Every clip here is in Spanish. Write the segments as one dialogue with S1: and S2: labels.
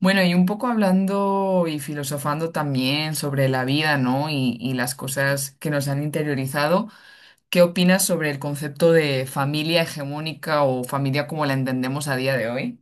S1: Bueno, y un poco hablando y filosofando también sobre la vida, ¿no? Y las cosas que nos han interiorizado, ¿qué opinas sobre el concepto de familia hegemónica o familia como la entendemos a día de hoy?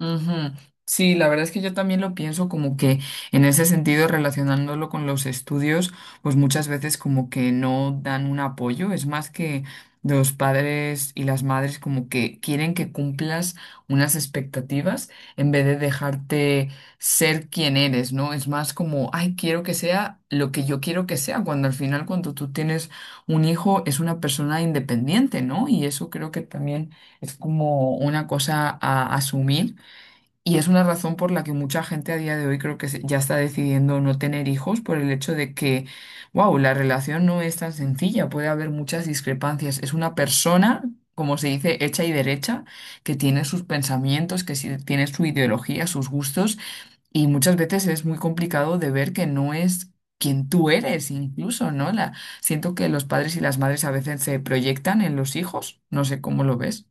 S1: Ujú. Sí, la verdad es que yo también lo pienso como que en ese sentido, relacionándolo con los estudios, pues muchas veces como que no dan un apoyo. Es más que los padres y las madres como que quieren que cumplas unas expectativas en vez de dejarte ser quien eres, ¿no? Es más como, ay, quiero que sea lo que yo quiero que sea, cuando al final cuando tú tienes un hijo es una persona independiente, ¿no? Y eso creo que también es como una cosa a asumir y es una razón por la que mucha gente a día de hoy creo que ya está decidiendo no tener hijos por el hecho de que, wow, la relación no es tan sencilla, puede haber muchas discrepancias. Es una persona, como se dice, hecha y derecha, que tiene sus pensamientos, tiene su ideología, sus gustos, y muchas veces es muy complicado de ver que no es quien tú eres, incluso, ¿no? Siento que los padres y las madres a veces se proyectan en los hijos, no sé cómo lo ves.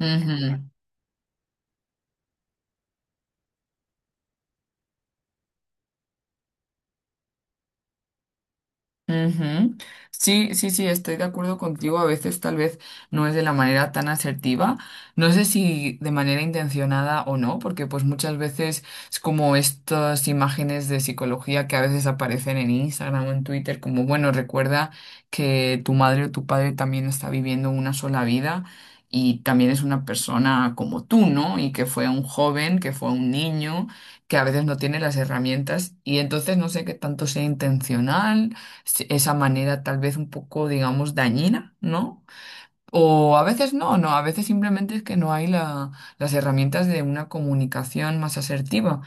S1: Ujú. Ujú. Sí, sí, sí, estoy de acuerdo contigo. A veces tal vez no es de la manera tan asertiva. No sé si de manera intencionada o no, porque pues muchas veces es como estas imágenes de psicología que a veces aparecen en Instagram o en Twitter, como, bueno, recuerda que tu madre o tu padre también está viviendo una sola vida y también es una persona como tú, ¿no? Y que fue un joven, que fue un niño, que a veces no tiene las herramientas y entonces no sé qué tanto sea intencional esa manera tal vez un poco, digamos, dañina, ¿no? O a veces no, no, a veces simplemente es que no hay las herramientas de una comunicación más asertiva.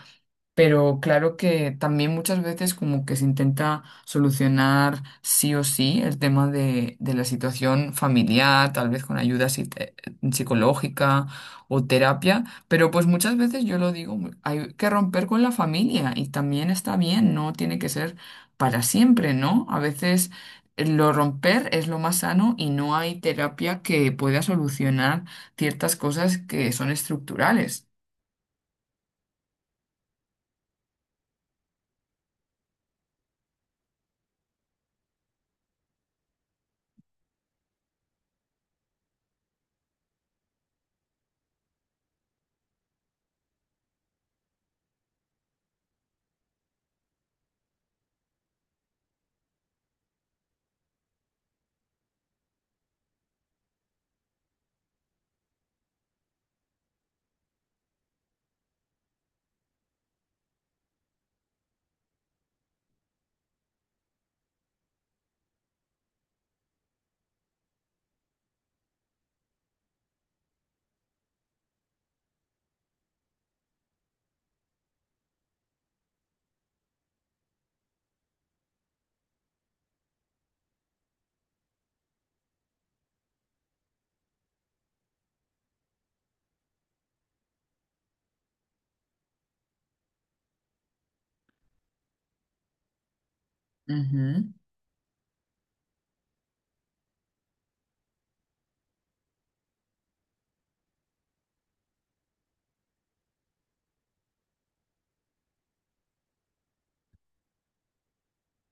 S1: Pero claro que también muchas veces como que se intenta solucionar sí o sí el tema de la situación familiar, tal vez con ayuda psicológica o terapia, pero pues muchas veces yo lo digo, hay que romper con la familia y también está bien, no tiene que ser para siempre, ¿no? A veces lo romper es lo más sano y no hay terapia que pueda solucionar ciertas cosas que son estructurales.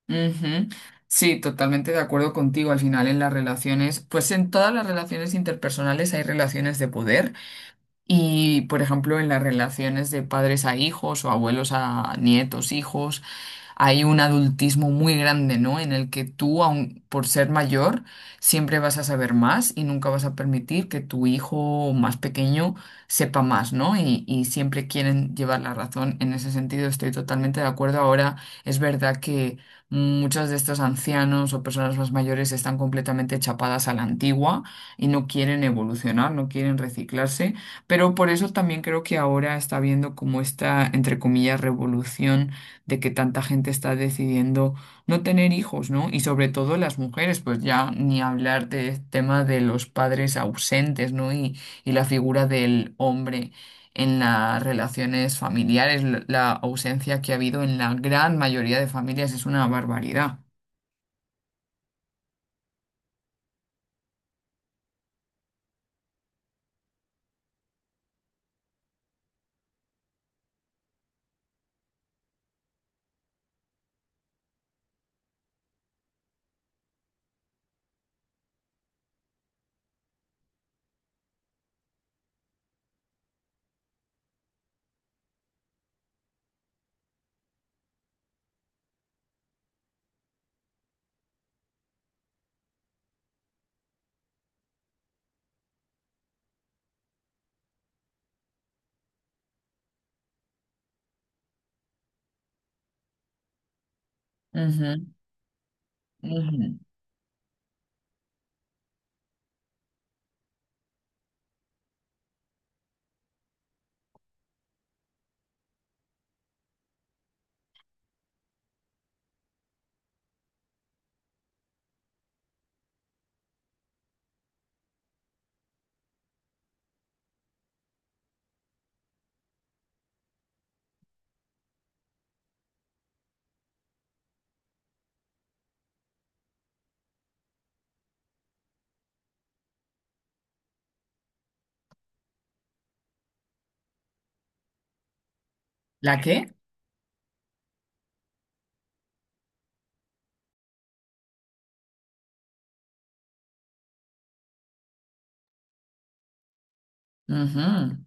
S1: Ujú. Sí, totalmente de acuerdo contigo. Al final, en las relaciones, pues en todas las relaciones interpersonales hay relaciones de poder y, por ejemplo, en las relaciones de padres a hijos o abuelos a nietos, hijos, hay un adultismo muy grande, ¿no? En el que tú, aun por ser mayor, siempre vas a saber más y nunca vas a permitir que tu hijo más pequeño sepa más, ¿no? Y siempre quieren llevar la razón. En ese sentido estoy totalmente de acuerdo. Ahora es verdad que muchos de estos ancianos o personas más mayores están completamente chapadas a la antigua y no quieren evolucionar, no quieren reciclarse, pero por eso también creo que ahora está habiendo como esta, entre comillas, revolución de que tanta gente está decidiendo no tener hijos, ¿no? Y sobre todo las mujeres, pues ya ni hablar del tema de los padres ausentes, ¿no? Y la figura del hombre en las relaciones familiares, la ausencia que ha habido en la gran mayoría de familias es una barbaridad. Ujú, ujú. ¿La qué? Ujú,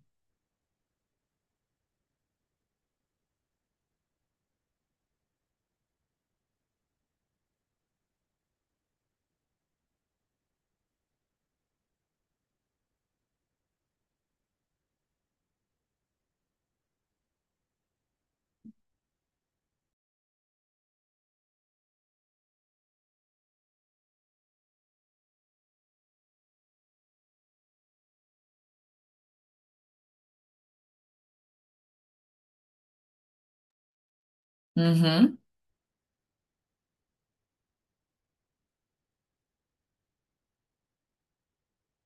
S1: ujú.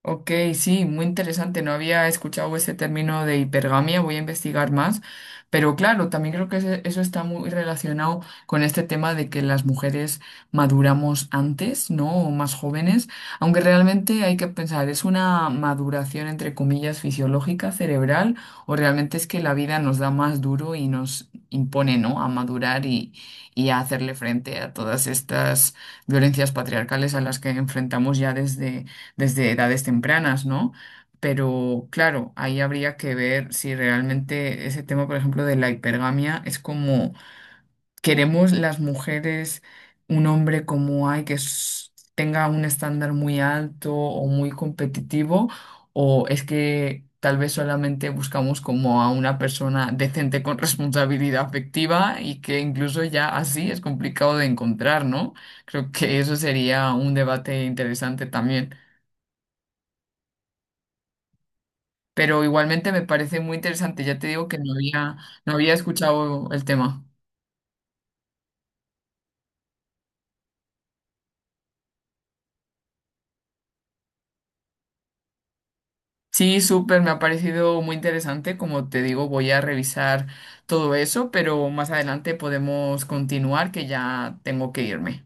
S1: Ok, sí, muy interesante. No había escuchado ese término de hipergamia, voy a investigar más. Pero claro, también creo que eso está muy relacionado con este tema de que las mujeres maduramos antes, ¿no? O más jóvenes, aunque realmente hay que pensar, ¿es una maduración entre comillas fisiológica, cerebral, o realmente es que la vida nos da más duro y nos impone, ¿no? A madurar y a hacerle frente a todas estas violencias patriarcales a las que enfrentamos ya desde desde edades tempranas, ¿no? Pero claro, ahí habría que ver si realmente ese tema, por ejemplo, de la hipergamia es como queremos las mujeres un hombre como hay que tenga un estándar muy alto o muy competitivo, o es que tal vez solamente buscamos como a una persona decente con responsabilidad afectiva y que incluso ya así es complicado de encontrar, ¿no? Creo que eso sería un debate interesante también. Pero igualmente me parece muy interesante. Ya te digo que no había, no había escuchado el tema. Sí, súper, me ha parecido muy interesante. Como te digo, voy a revisar todo eso, pero más adelante podemos continuar, que ya tengo que irme.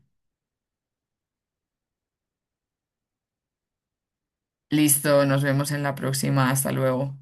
S1: Listo, nos vemos en la próxima. Hasta luego.